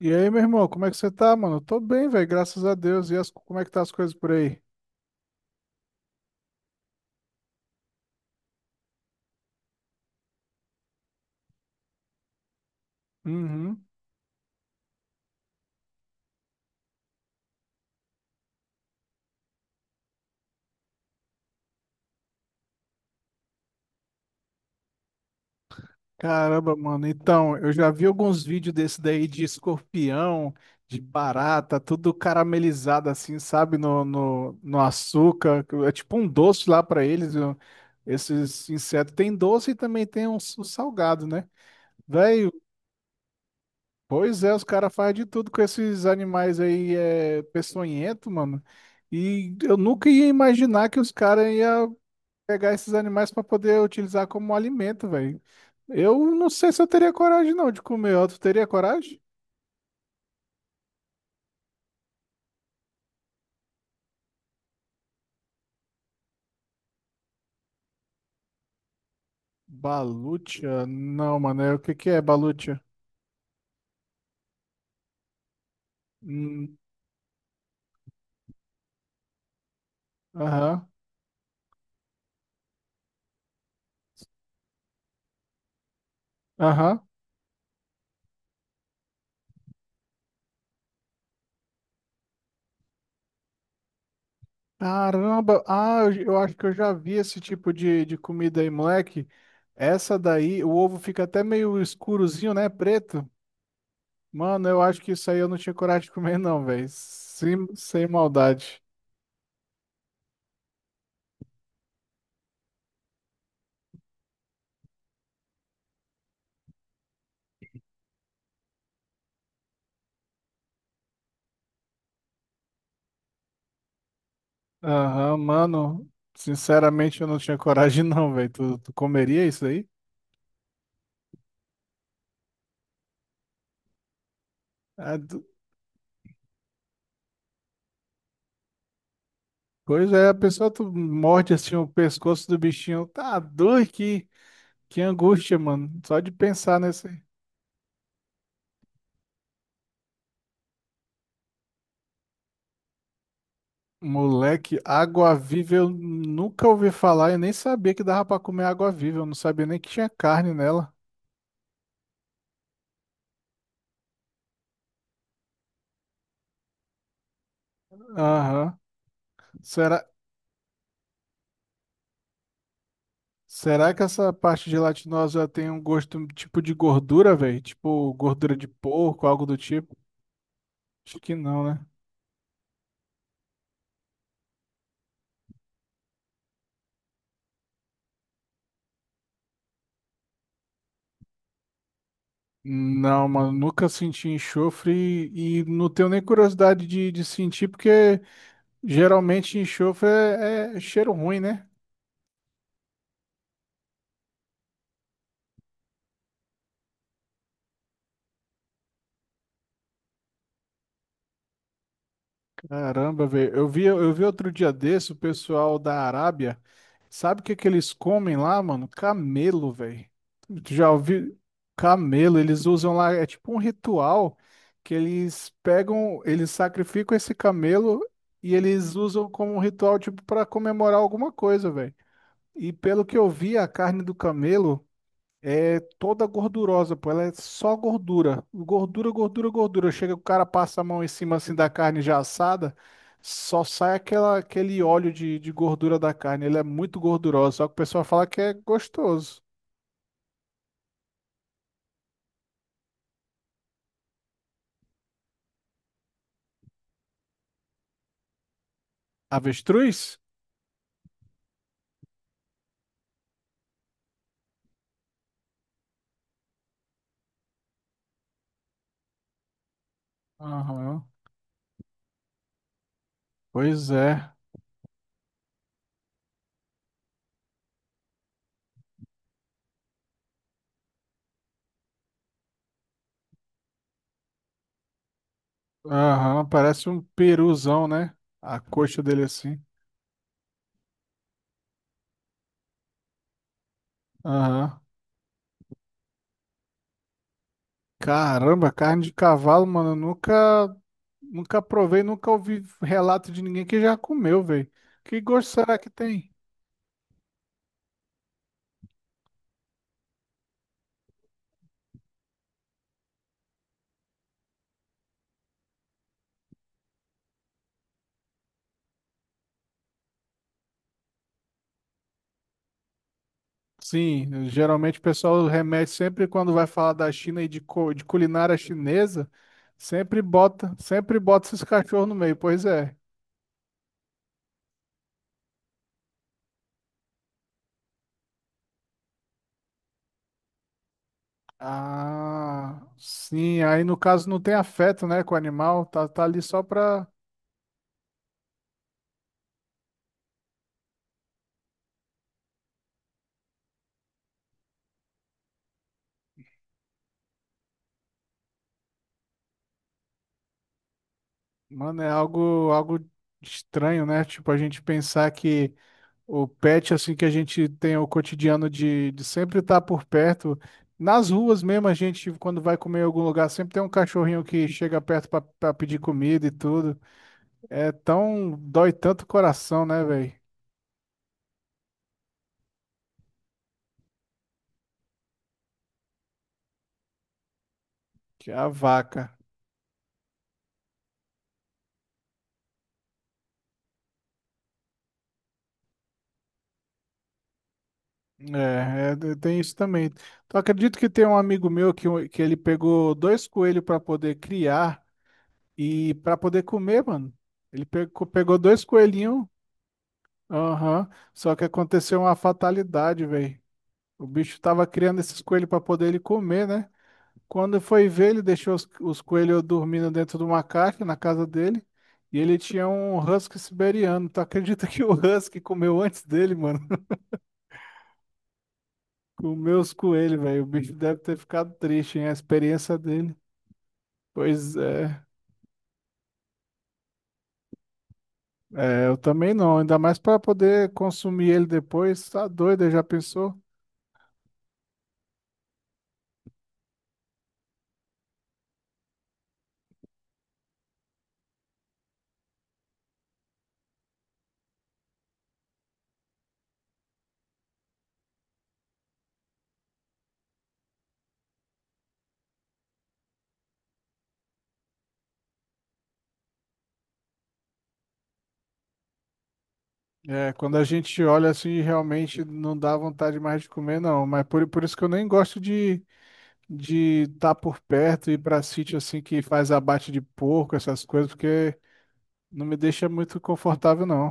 E aí, meu irmão, como é que você tá, mano? Tô bem, velho, graças a Deus. E as- como é que tá as coisas por aí? Uhum. Caramba, mano. Então, eu já vi alguns vídeos desse daí de escorpião, de barata, tudo caramelizado assim, sabe? No açúcar. É tipo um doce lá pra eles. Esses insetos. Tem doce e também tem uns, os salgado, né? Velho, pois é, os caras fazem de tudo com esses animais aí, é, peçonhento, mano. E eu nunca ia imaginar que os caras iam pegar esses animais para poder utilizar como alimento, velho. Eu não sei se eu teria coragem não de comer. Ó, tu teria coragem? Balutia? Não, mano. O que que é balutia? Hum. Aham. Aham. Caramba. Ah, eu acho que eu já vi esse tipo de comida aí, moleque. Essa daí, o ovo fica até meio escurozinho, né? Preto. Mano, eu acho que isso aí eu não tinha coragem de comer não, velho. Sem maldade. Aham, mano, sinceramente eu não tinha coragem não, velho. Tu comeria isso aí? Ah, du- Coisa é, a pessoa tu morde assim o pescoço do bichinho. Tá doido, que angústia, mano. Só de pensar nesse moleque, água-viva eu nunca ouvi falar. Eu nem sabia que dava pra comer água-viva. Eu não sabia nem que tinha carne nela. Aham. Será, será que essa parte gelatinosa tem um gosto tipo de gordura, velho? Tipo gordura de porco, algo do tipo? Acho que não, né? Não, mano, nunca senti enxofre e não tenho nem curiosidade de sentir, porque geralmente enxofre é, é cheiro ruim, né? Caramba, velho. Eu vi outro dia desse o pessoal da Arábia. Sabe o que que eles comem lá, mano? Camelo, velho. Tu já ouviu? Camelo, eles usam lá, é tipo um ritual que eles pegam, eles sacrificam esse camelo e eles usam como um ritual, tipo, para comemorar alguma coisa, velho. E pelo que eu vi, a carne do camelo é toda gordurosa, pô. Ela é só gordura. Gordura, gordura, gordura. Chega, o cara passa a mão em cima assim da carne já assada, só sai aquela, aquele óleo de gordura da carne. Ela é muito gordurosa, só que o pessoal fala que é gostoso. Avestruz? Aham. Pois é. Aham, parece um peruzão, né? A coxa dele assim. Aham. Caramba, carne de cavalo, mano, eu nunca, nunca provei, nunca ouvi relato de ninguém que já comeu, velho. Que gosto será que tem? Sim, geralmente o pessoal remete sempre quando vai falar da China e de, de culinária chinesa, sempre bota esses cachorros no meio, pois é. Ah, sim, aí no caso não tem afeto, né, com o animal, tá, tá ali só pra, mano, é algo, algo estranho, né? Tipo, a gente pensar que o pet, assim, que a gente tem o cotidiano de sempre estar por perto. Nas ruas mesmo, a gente, quando vai comer em algum lugar, sempre tem um cachorrinho que chega perto para pedir comida e tudo. É tão. Dói tanto o coração, né, velho? Que a vaca. É, tem isso também. Então, acredito que tem um amigo meu que, que ele pegou dois coelhos para poder criar e para poder comer, mano. Ele pegou, pegou dois coelhinhos. Aham. Só que aconteceu uma fatalidade, velho. O bicho tava criando esses coelhos para poder ele comer, né? Quando foi ver, ele deixou os coelhos dormindo dentro de uma caixa na casa dele. E ele tinha um husky siberiano. Tu acredita que o husky comeu antes dele, mano? Comeu os coelhos, velho. O bicho deve ter ficado triste, hein? A experiência dele. Pois é. É, eu também não. Ainda mais para poder consumir ele depois. Tá doido, já pensou? É, quando a gente olha assim, realmente não dá vontade mais de comer, não. Mas por isso que eu nem gosto de estar por perto e ir para sítio assim que faz abate de porco, essas coisas, porque não me deixa muito confortável, não.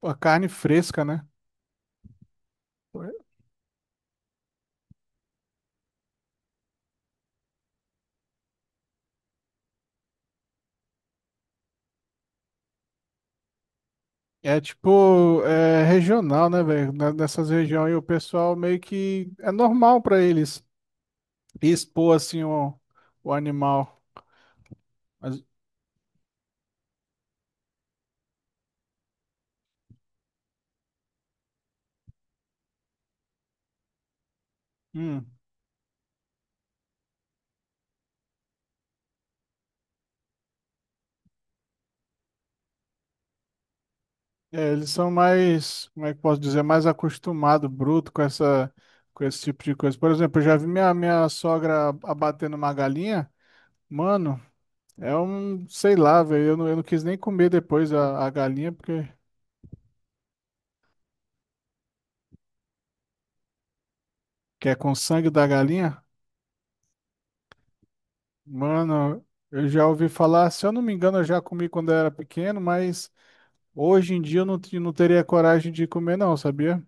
Pô, a carne fresca, né? Pô, é. É tipo, é regional, né, velho? Nessas regiões aí o pessoal meio que é normal pra eles e expor assim o animal. Mas, hum, é, eles são mais, como é que eu posso dizer, mais acostumado, bruto com essa, com esse tipo de coisa. Por exemplo, eu já vi minha, minha sogra abatendo uma galinha. Mano, é um, sei lá, velho. Eu não quis nem comer depois a galinha, porque que é com sangue da galinha. Mano, eu já ouvi falar, se eu não me engano, eu já comi quando eu era pequeno, mas hoje em dia eu não, não teria coragem de comer, não, sabia?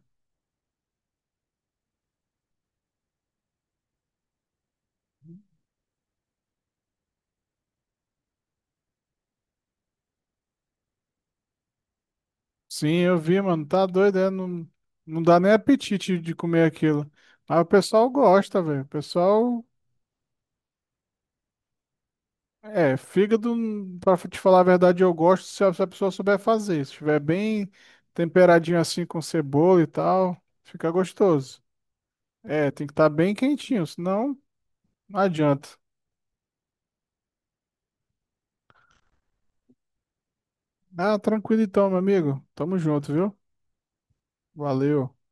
Sim, eu vi, mano. Tá doido, é? Não, não dá nem apetite de comer aquilo. Mas o pessoal gosta, velho. O pessoal. É, fígado, pra te falar a verdade, eu gosto se a, se a pessoa souber fazer. Se estiver bem temperadinho assim com cebola e tal, fica gostoso. É, tem que estar bem quentinho, senão não adianta. Ah, tranquilo então, meu amigo. Tamo junto, viu? Valeu.